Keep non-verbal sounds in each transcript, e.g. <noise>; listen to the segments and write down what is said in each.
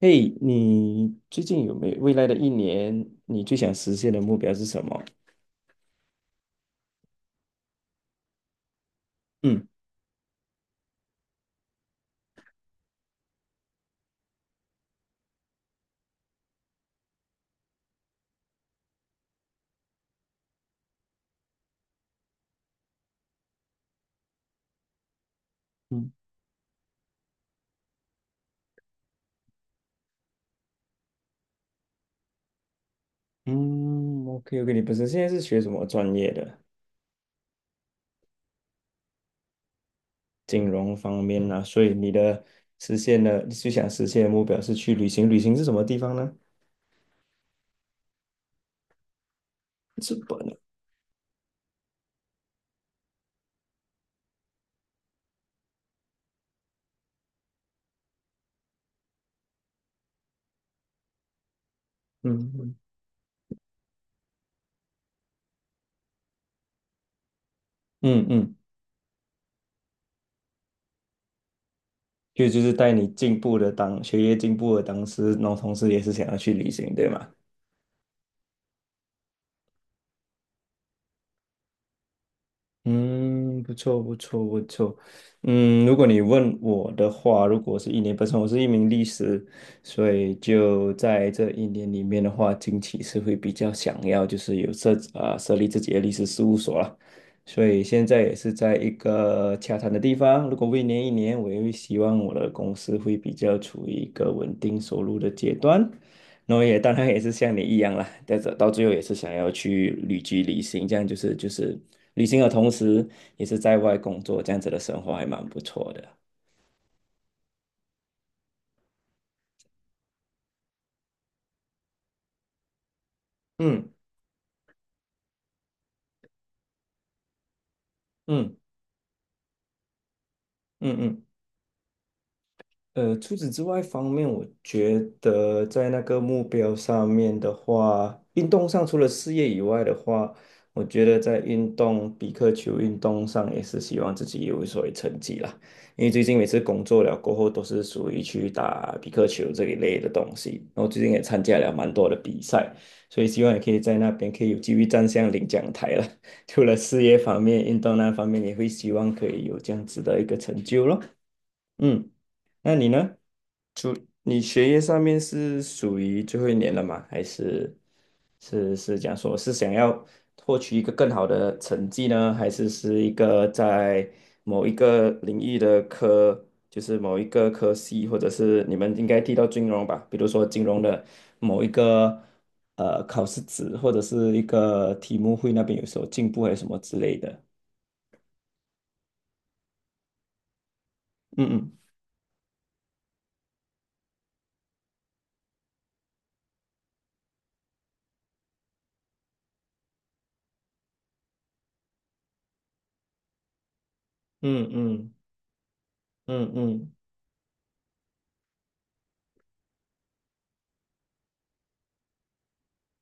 嘿，你最近有没有未来的一年，你最想实现的目标是什么？嗯嗯嗯，OK OK，你本身现在是学什么专业的？金融方面啊，所以实现的你最想实现的目标是去旅行，旅行是什么地方呢？日本啊。嗯嗯嗯嗯，就是带你进步的当学业进步的当时，然后同时也是想要去旅行，对吗？嗯，不错，不错，不错。嗯，如果你问我的话，如果是一年，本身我是一名律师，所以就在这一年里面的话，近期是会比较想要就是有设立自己的律师事务所了。所以现在也是在一个洽谈的地方。如果未年一年，我也会希望我的公司会比较处于一个稳定收入的阶段，那我也当然也是像你一样啦，但是到最后也是想要去旅居旅行，这样就是旅行的同时也是在外工作，这样子的生活还蛮不错的。嗯嗯嗯嗯。除此之外方面，我觉得在那个目标上面的话，运动上除了事业以外的话，我觉得在运动比克球运动上也是希望自己有所谓成绩啦。因为最近每次工作了过后，都是属于去打比克球这一类的东西。然后最近也参加了蛮多的比赛，所以希望也可以在那边可以有机会站上领奖台了。<laughs> 除了事业方面，运动那方面也会希望可以有这样子的一个成就咯。嗯，那你呢？你学业上面是属于最后一年了吗？还是是讲说是想要获取一个更好的成绩呢？还是是一个在某一个领域的科，就是某一个科系，或者是你们应该提到金融吧？比如说金融的某一个考试纸，或者是一个题目会那边有时候进步还是什么之类的。嗯嗯嗯嗯嗯嗯。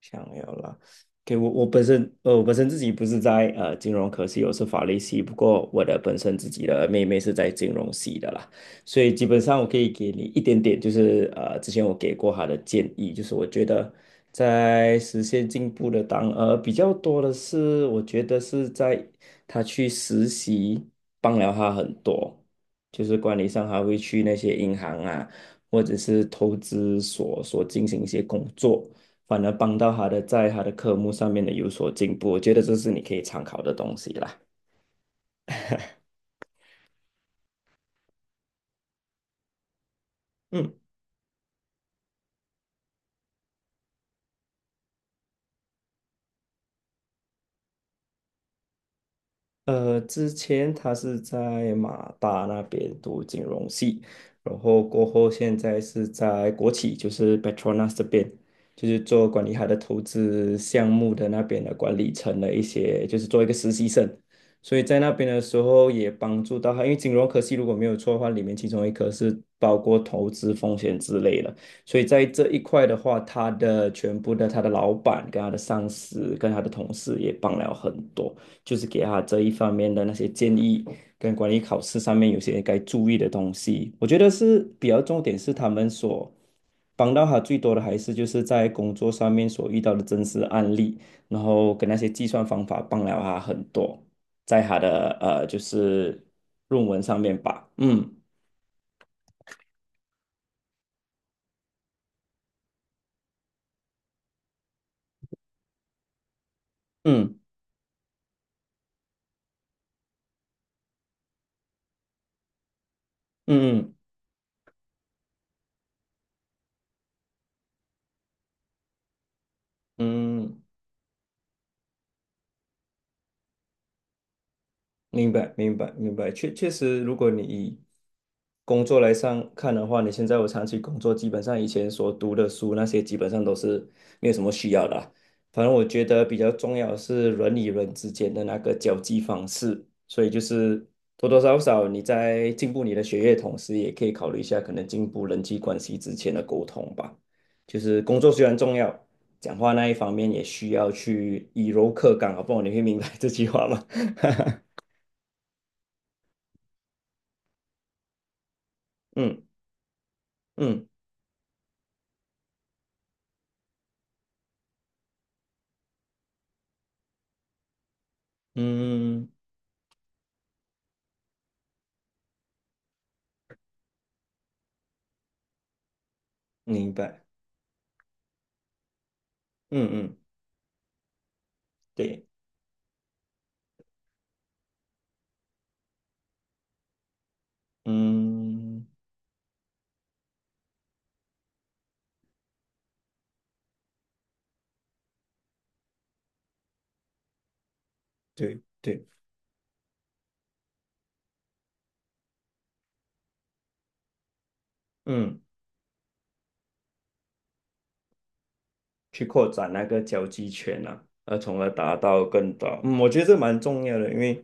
想要啦，我本身我本身自己不是在金融科系，我是法律系。不过我的本身自己的妹妹是在金融系的啦，所以基本上我可以给你一点点，就是之前我给过她的建议，就是我觉得在实现进步的当比较多的是，我觉得是在她去实习帮了她很多，就是管理上还会去那些银行啊，或者是投资所进行一些工作。反而帮到他的在他的科目上面的有所进步。我觉得这是你可以参考的东西啦。嗯。之前他是在马大那边读金融系，然后过后现在是在国企，就是 Petronas 这边，就是做管理他的投资项目的那边的管理层的一些，就是做一个实习生。所以在那边的时候也帮助到他，因为金融科系如果没有错的话，里面其中一科是包括投资风险之类的，所以在这一块的话，他的老板跟他的上司跟他的同事也帮了很多。就是给他这一方面的那些建议，跟管理考试上面有些该注意的东西。我觉得是比较重点是他们所帮到他最多的，还是就是在工作上面所遇到的真实案例，然后跟那些计算方法帮了他很多，在他的就是论文上面吧。嗯嗯嗯嗯嗯。明白，明白，明白。确确实，如果你以工作来上看的话，你现在我长期工作，基本上以前所读的书那些，基本上都是没有什么需要的啊。反正我觉得比较重要的是人与人之间的那个交际方式，所以就是多多少少你在进步你的学业，同时也可以考虑一下可能进步人际关系之间的沟通吧。就是工作虽然重要，讲话那一方面也需要去以柔克刚啊，好不好？你会明白这句话吗？<laughs> 嗯嗯。嗯，明白。嗯嗯，对，嗯对对，嗯。去扩展那个交际圈啊，从而达到更大。嗯，我觉得这蛮重要的，因为，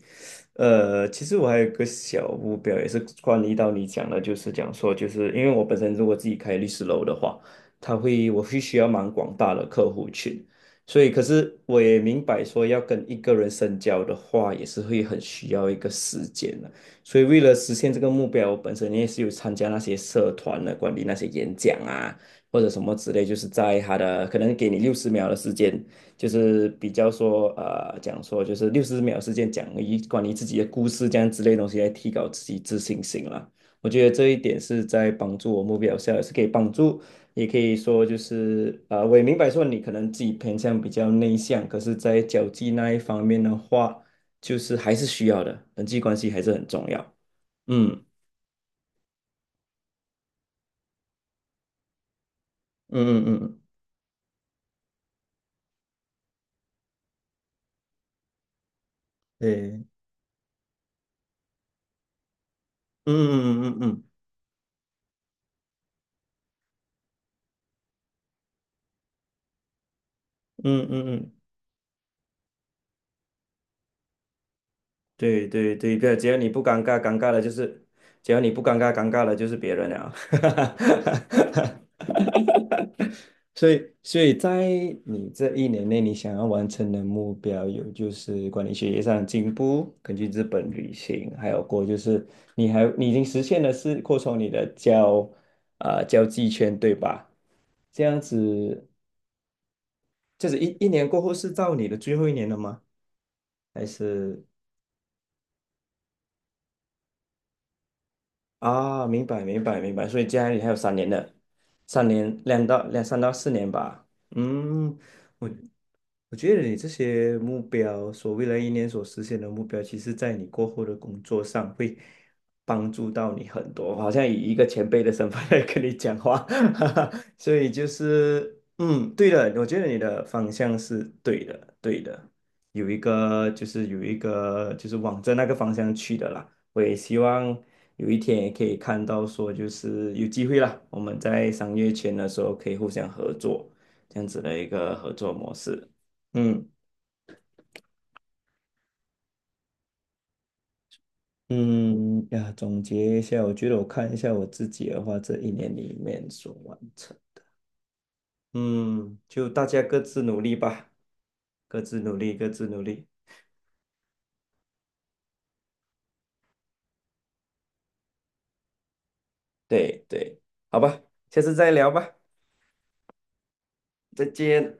其实我还有一个小目标，也是关于到你讲的，就是讲说，就是因为我本身如果自己开律师楼的话，他会我必需要蛮广大的客户群，所以可是我也明白说，要跟一个人深交的话，也是会很需要一个时间的。所以为了实现这个目标，我本身也是有参加那些社团的，管理那些演讲啊。或者什么之类，就是在他的可能给你六十秒的时间，就是比较说讲说就是六十秒时间讲一关于自己的故事这样之类的东西来提高自己自信心啦。我觉得这一点是在帮助我目标下，也是可以帮助，也可以说就是我也明白说你可能自己偏向比较内向，可是在交际那一方面的话，就是还是需要的，人际关系还是很重要。嗯嗯嗯嗯嗯对，嗯嗯嗯嗯嗯嗯嗯嗯。对对对，对，只要你不尴尬，尴尬的就是，只要你不尴尬，尴尬的就是别人了。<laughs> 所以，所以在你这一年内，你想要完成的目标有就是管理学业上的进步，根据日本旅行，还有过就是你已经实现的是扩充你的交际圈，对吧？这样子，就是一年过后是到你的最后一年了吗？还是？啊，明白明白明白，所以家里还有三年的，三年两到2、3到4年吧。嗯，我我觉得你这些目标，所未来一年所实现的目标，其实在你过后的工作上会帮助到你很多。好像以一个前辈的身份 <laughs> 来跟你讲话，<laughs> 哈哈，所以就是嗯，对的，我觉得你的方向是对的，对的，有一个就是往着那个方向去的啦。我也希望有一天也可以看到说，就是有机会啦，我们在商业圈的时候可以互相合作，这样子的一个合作模式。嗯嗯呀，总结一下，我觉得我看一下我自己的话，这一年里面所完成，嗯，就大家各自努力吧，各自努力，各自努力。对对，好吧，下次再聊吧，再见。